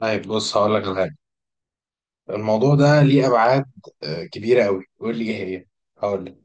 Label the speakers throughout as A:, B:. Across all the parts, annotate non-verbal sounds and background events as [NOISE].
A: طيب، بص هقول لك على حاجه. الموضوع ده ليه ابعاد كبيره قوي. قول لي ايه هي. هقول لك.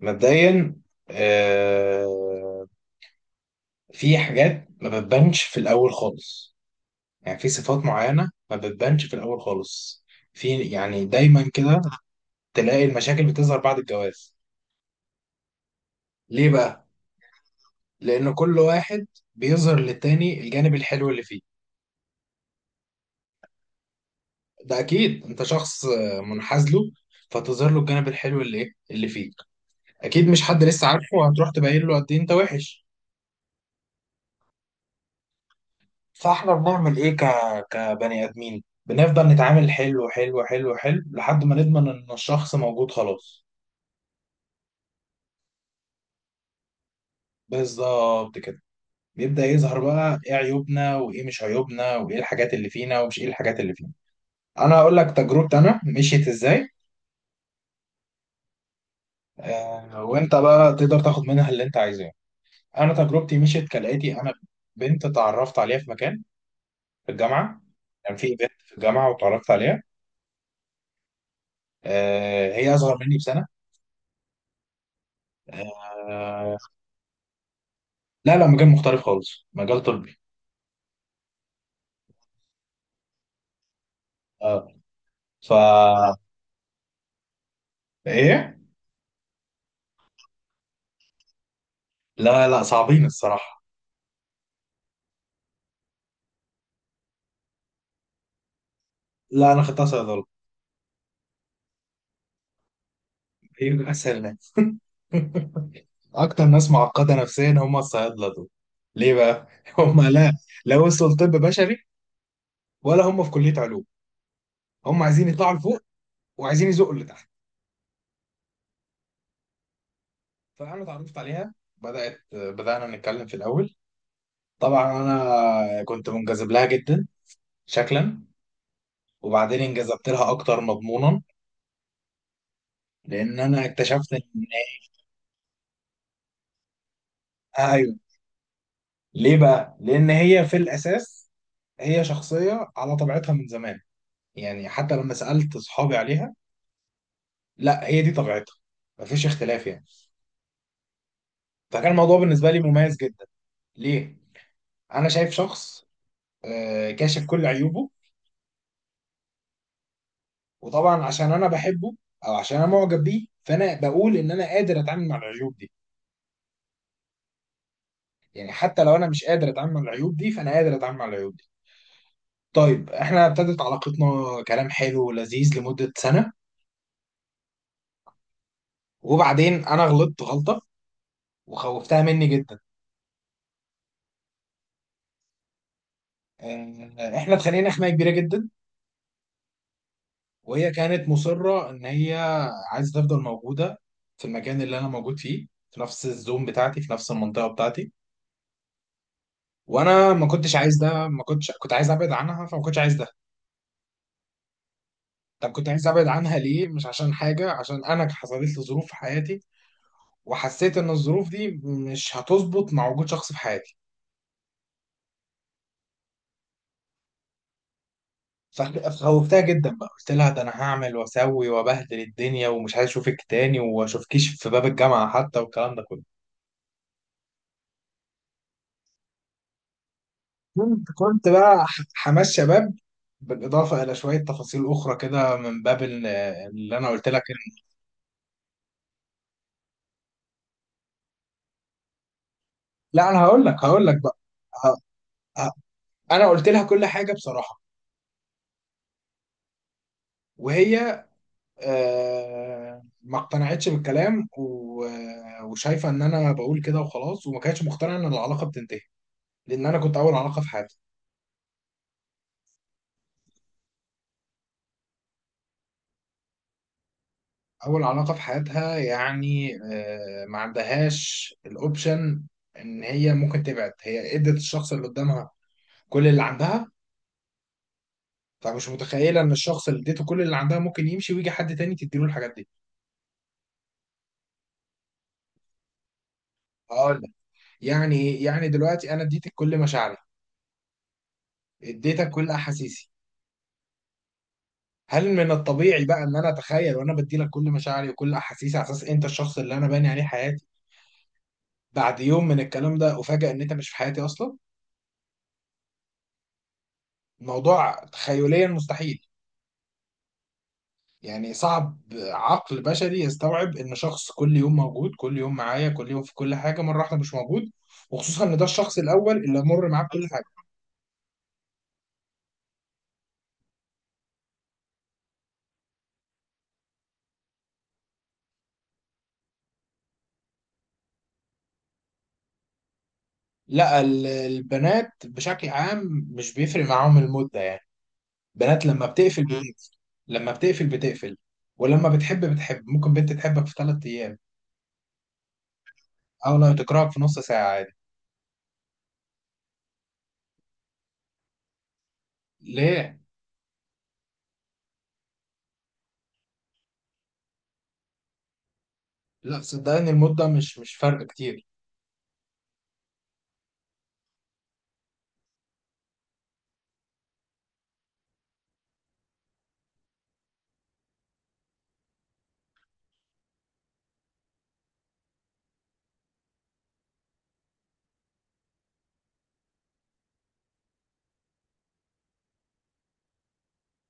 A: مبدئيا، آه، في حاجات ما بتبانش في الاول خالص. يعني في صفات معينه ما بتبانش في الاول خالص. في يعني دايما كده تلاقي المشاكل بتظهر بعد الجواز. ليه بقى؟ لان كل واحد بيظهر للتاني الجانب الحلو اللي فيه. ده اكيد انت شخص منحاز له، فتظهر له الجانب الحلو اللي إيه؟ اللي فيه. اكيد مش حد لسه عارفه وهتروح تبين له قد ايه انت وحش. فاحنا بنعمل ايه كبني ادمين؟ بنفضل نتعامل حلو حلو حلو حلو لحد ما نضمن ان الشخص موجود خلاص. بالظبط كده، بيبدا يظهر بقى ايه عيوبنا وايه مش عيوبنا وايه الحاجات اللي فينا ومش ايه الحاجات اللي فينا. انا هقول لك تجربتي انا مشيت ازاي، وانت بقى تقدر تاخد منها اللي انت عايزاه. انا تجربتي مشيت كالاتي. انا بنت اتعرفت عليها في مكان، في الجامعه. كان في بنت في الجامعه واتعرفت عليها. هي اصغر مني بسنه. آه، لا لا، مجال مختلف خالص، مجال طبي. اه. ف ايه. لا لا صعبين الصراحه. لا انا خدتها صيدله. هي اسهل ناس [LAUGHS] اكتر ناس معقده نفسيا هم الصيادله دول. ليه بقى؟ [LAUGHS] هم لا، لا وصلوا طب بشري، ولا هم في كليه علوم. هم عايزين يطلعوا لفوق، وعايزين يزقوا اللي تحت. فانا اتعرفت عليها، بدانا نتكلم في الاول. طبعا انا كنت منجذب لها جدا شكلا، وبعدين انجذبت لها اكتر مضمونا. لان انا اكتشفت ان، ايوه، ليه بقى؟ لان هي في الاساس هي شخصيه على طبيعتها من زمان. يعني حتى لما سالت اصحابي عليها، لا هي دي طبيعتها، مفيش اختلاف يعني. فكان الموضوع بالنسبه لي مميز جدا. ليه؟ انا شايف شخص كاشف كل عيوبه، وطبعا عشان انا بحبه او عشان انا معجب بيه فانا بقول ان انا قادر اتعامل مع العيوب دي. يعني حتى لو انا مش قادر اتعامل مع العيوب دي فانا قادر اتعامل مع العيوب دي. طيب، احنا ابتدت علاقتنا كلام حلو ولذيذ لمدة سنة، وبعدين انا غلطت غلطة وخوفتها مني جدا. اه، احنا اتخانقنا خناقة كبيرة جدا. وهي كانت مصرة ان هي عايزة تفضل موجودة في المكان اللي انا موجود فيه، في نفس الزوم بتاعتي، في نفس المنطقة بتاعتي. وانا ما كنتش عايز ده. ما كنتش كنت عايز ابعد عنها، فما كنتش عايز ده. طب كنت عايز ابعد عنها ليه؟ مش عشان حاجة، عشان انا حصلت لي ظروف في حياتي، وحسيت ان الظروف دي مش هتظبط مع وجود شخص في حياتي. صاحبي خوفتها جدا بقى، قلت لها ده انا هعمل واسوي وابهدل الدنيا ومش عايز اشوفك تاني واشوفكيش في باب الجامعه حتى والكلام ده كله. كنت بقى حماس شباب، بالاضافه الى شويه تفاصيل اخرى كده من باب اللي انا قلت لك لا انا هقول لك بقى. ه- ه- انا قلت لها كل حاجه بصراحه. وهي ما اقتنعتش بالكلام وشايفه ان انا بقول كده وخلاص، وما كانتش مقتنعه ان العلاقه بتنتهي، لان انا كنت اول علاقه في حياتي. اول علاقه في حياتها يعني ما عندهاش الاوبشن ان هي ممكن تبعد. هي ادت الشخص اللي قدامها كل اللي عندها، فمش متخيله ان الشخص اللي اديته كل اللي عندها ممكن يمشي ويجي حد تاني تديله الحاجات دي. هقول لك يعني إيه؟ يعني دلوقتي انا اديتك كل مشاعري، اديتك كل احاسيسي. هل من الطبيعي بقى ان انا اتخيل، وانا بديلك كل مشاعري وكل احاسيسي على اساس انت الشخص اللي انا باني عليه حياتي، بعد يوم من الكلام ده افاجئ ان انت مش في حياتي اصلا؟ الموضوع تخيليا مستحيل. يعني صعب عقل بشري يستوعب ان شخص كل يوم موجود، كل يوم معايا، كل يوم في كل حاجه، مره واحده مش موجود. وخصوصا ان ده الشخص الاول اللي مر معاه بكل حاجه. لا، البنات بشكل عام مش بيفرق معاهم المده يعني. بنات لما بتقفل، بتقفل، لما بتقفل بتقفل. ولما بتحب بتحب، ممكن بنت تحبك في 3 ايام، او لو تكرهك في نص ساعه عادي. ليه؟ لا صدقني المده مش فرق كتير.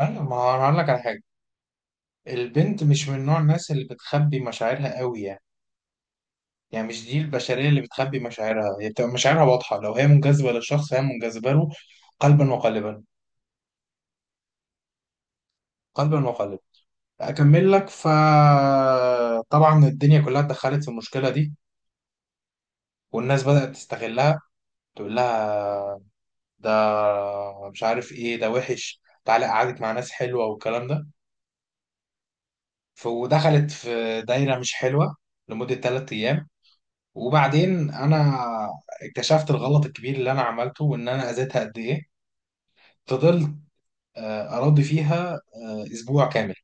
A: ايوه، ما هو انا هقول لك على حاجه. البنت مش من نوع الناس اللي بتخبي مشاعرها قوي يعني. يعني مش دي البشرية اللي بتخبي مشاعرها، هي بتبقى مشاعرها واضحة، لو هي منجذبة للشخص فهي منجذبة له قلبا وقالبا. قلبا وقالبا، أكمل لك. فطبعا الدنيا كلها اتدخلت في المشكلة دي، والناس بدأت تستغلها، تقول لها ده، مش عارف ايه، ده وحش، تعالى أقعدك مع ناس حلوة والكلام ده. ودخلت في دايرة مش حلوة لمدة 3 أيام. وبعدين أنا اكتشفت الغلط الكبير اللي أنا عملته وإن أنا أذيتها قد إيه. فضلت أراضي فيها أسبوع كامل،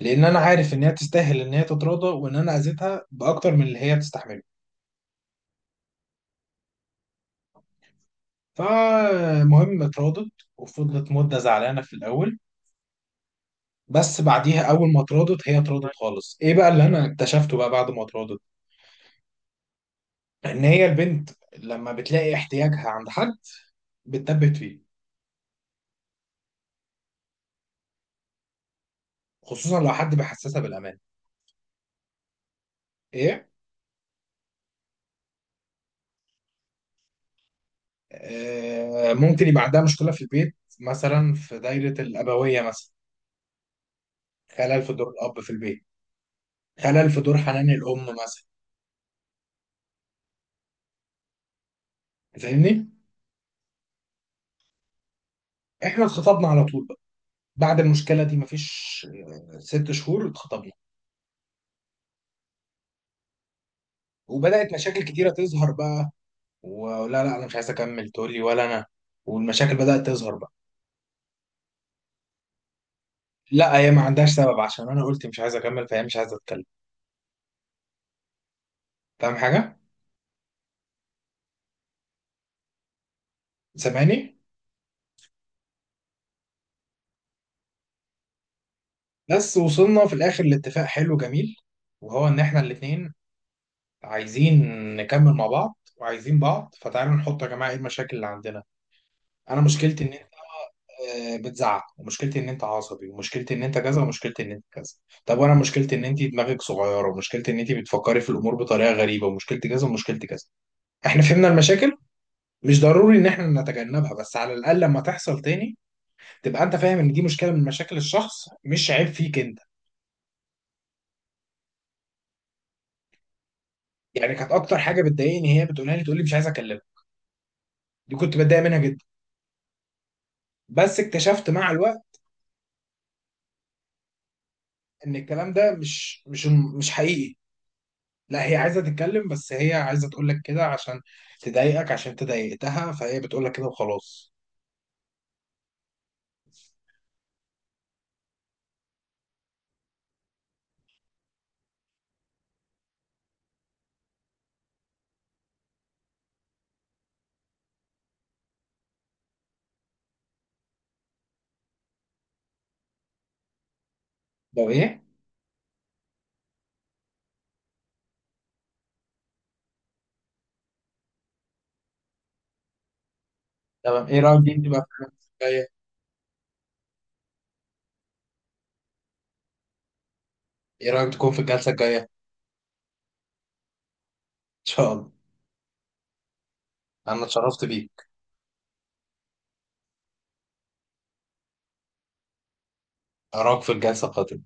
A: لأن أنا عارف إن هي تستاهل إن هي تتراضى، وإن أنا أذيتها بأكتر من اللي هي بتستحمله. فالمهم اتراضت، وفضلت مدة زعلانة في الأول، بس بعديها أول ما اتراضت هي اتراضت خالص. إيه بقى اللي أنا اكتشفته بقى بعد ما اتراضت؟ إن هي البنت لما بتلاقي احتياجها عند حد بتثبت فيه، خصوصا لو حد بيحسسها بالامان. ايه؟ آه، ممكن يبقى عندها مشكله في البيت مثلا، في دايره الابويه مثلا، خلل في دور الاب في البيت، خلل في دور حنان الام مثلا. فاهمني؟ احنا اتخطبنا على طول بقى، بعد المشكله دي مفيش 6 شهور اتخطبنا، وبدات مشاكل كتيره تظهر بقى. ولا لا انا مش عايز اكمل تقول لي، ولا انا والمشاكل بدات تظهر بقى. لا هي ما عندهاش سبب عشان انا قلت مش عايز اكمل فهي مش عايزه اتكلم. فاهم حاجه؟ سامعني؟ بس وصلنا في الاخر لاتفاق حلو جميل، وهو ان احنا الاتنين عايزين نكمل مع بعض وعايزين بعض. فتعالوا نحط يا جماعه ايه المشاكل اللي عندنا. انا مشكلتي ان بتزعق، ومشكلتي ان انت عصبي، ومشكلتي ان انت كذا، ومشكلتي ان انت كذا. طب وانا مشكلتي ان انت دماغك صغيره، ومشكلتي ان انت بتفكري في الامور بطريقه غريبه، ومشكلتي كذا، ومشكلتي كذا. احنا فهمنا المشاكل، مش ضروري ان احنا نتجنبها، بس على الاقل لما تحصل تاني تبقى انت فاهم ان دي مشكله من مشاكل الشخص، مش عيب فيك انت. يعني كانت اكتر حاجه بتضايقني هي بتقولها لي، تقول لي مش عايز اكلمك. دي كنت بتضايق منها جدا، بس اكتشفت مع الوقت ان الكلام ده مش حقيقي. لا هي عايزة تتكلم، بس هي عايزة تقول لك كده عشان تضايقك عشان انت ضايقتها، فهي بتقول لك كده وخلاص. طب ايه؟ تمام. ايه رأيك دي بقى في الجلسة الجاية؟ ايه رأيك تكون في الجلسة الجاية ان شاء الله؟ انا اتشرفت بيك. اراك في الجلسة القادمة.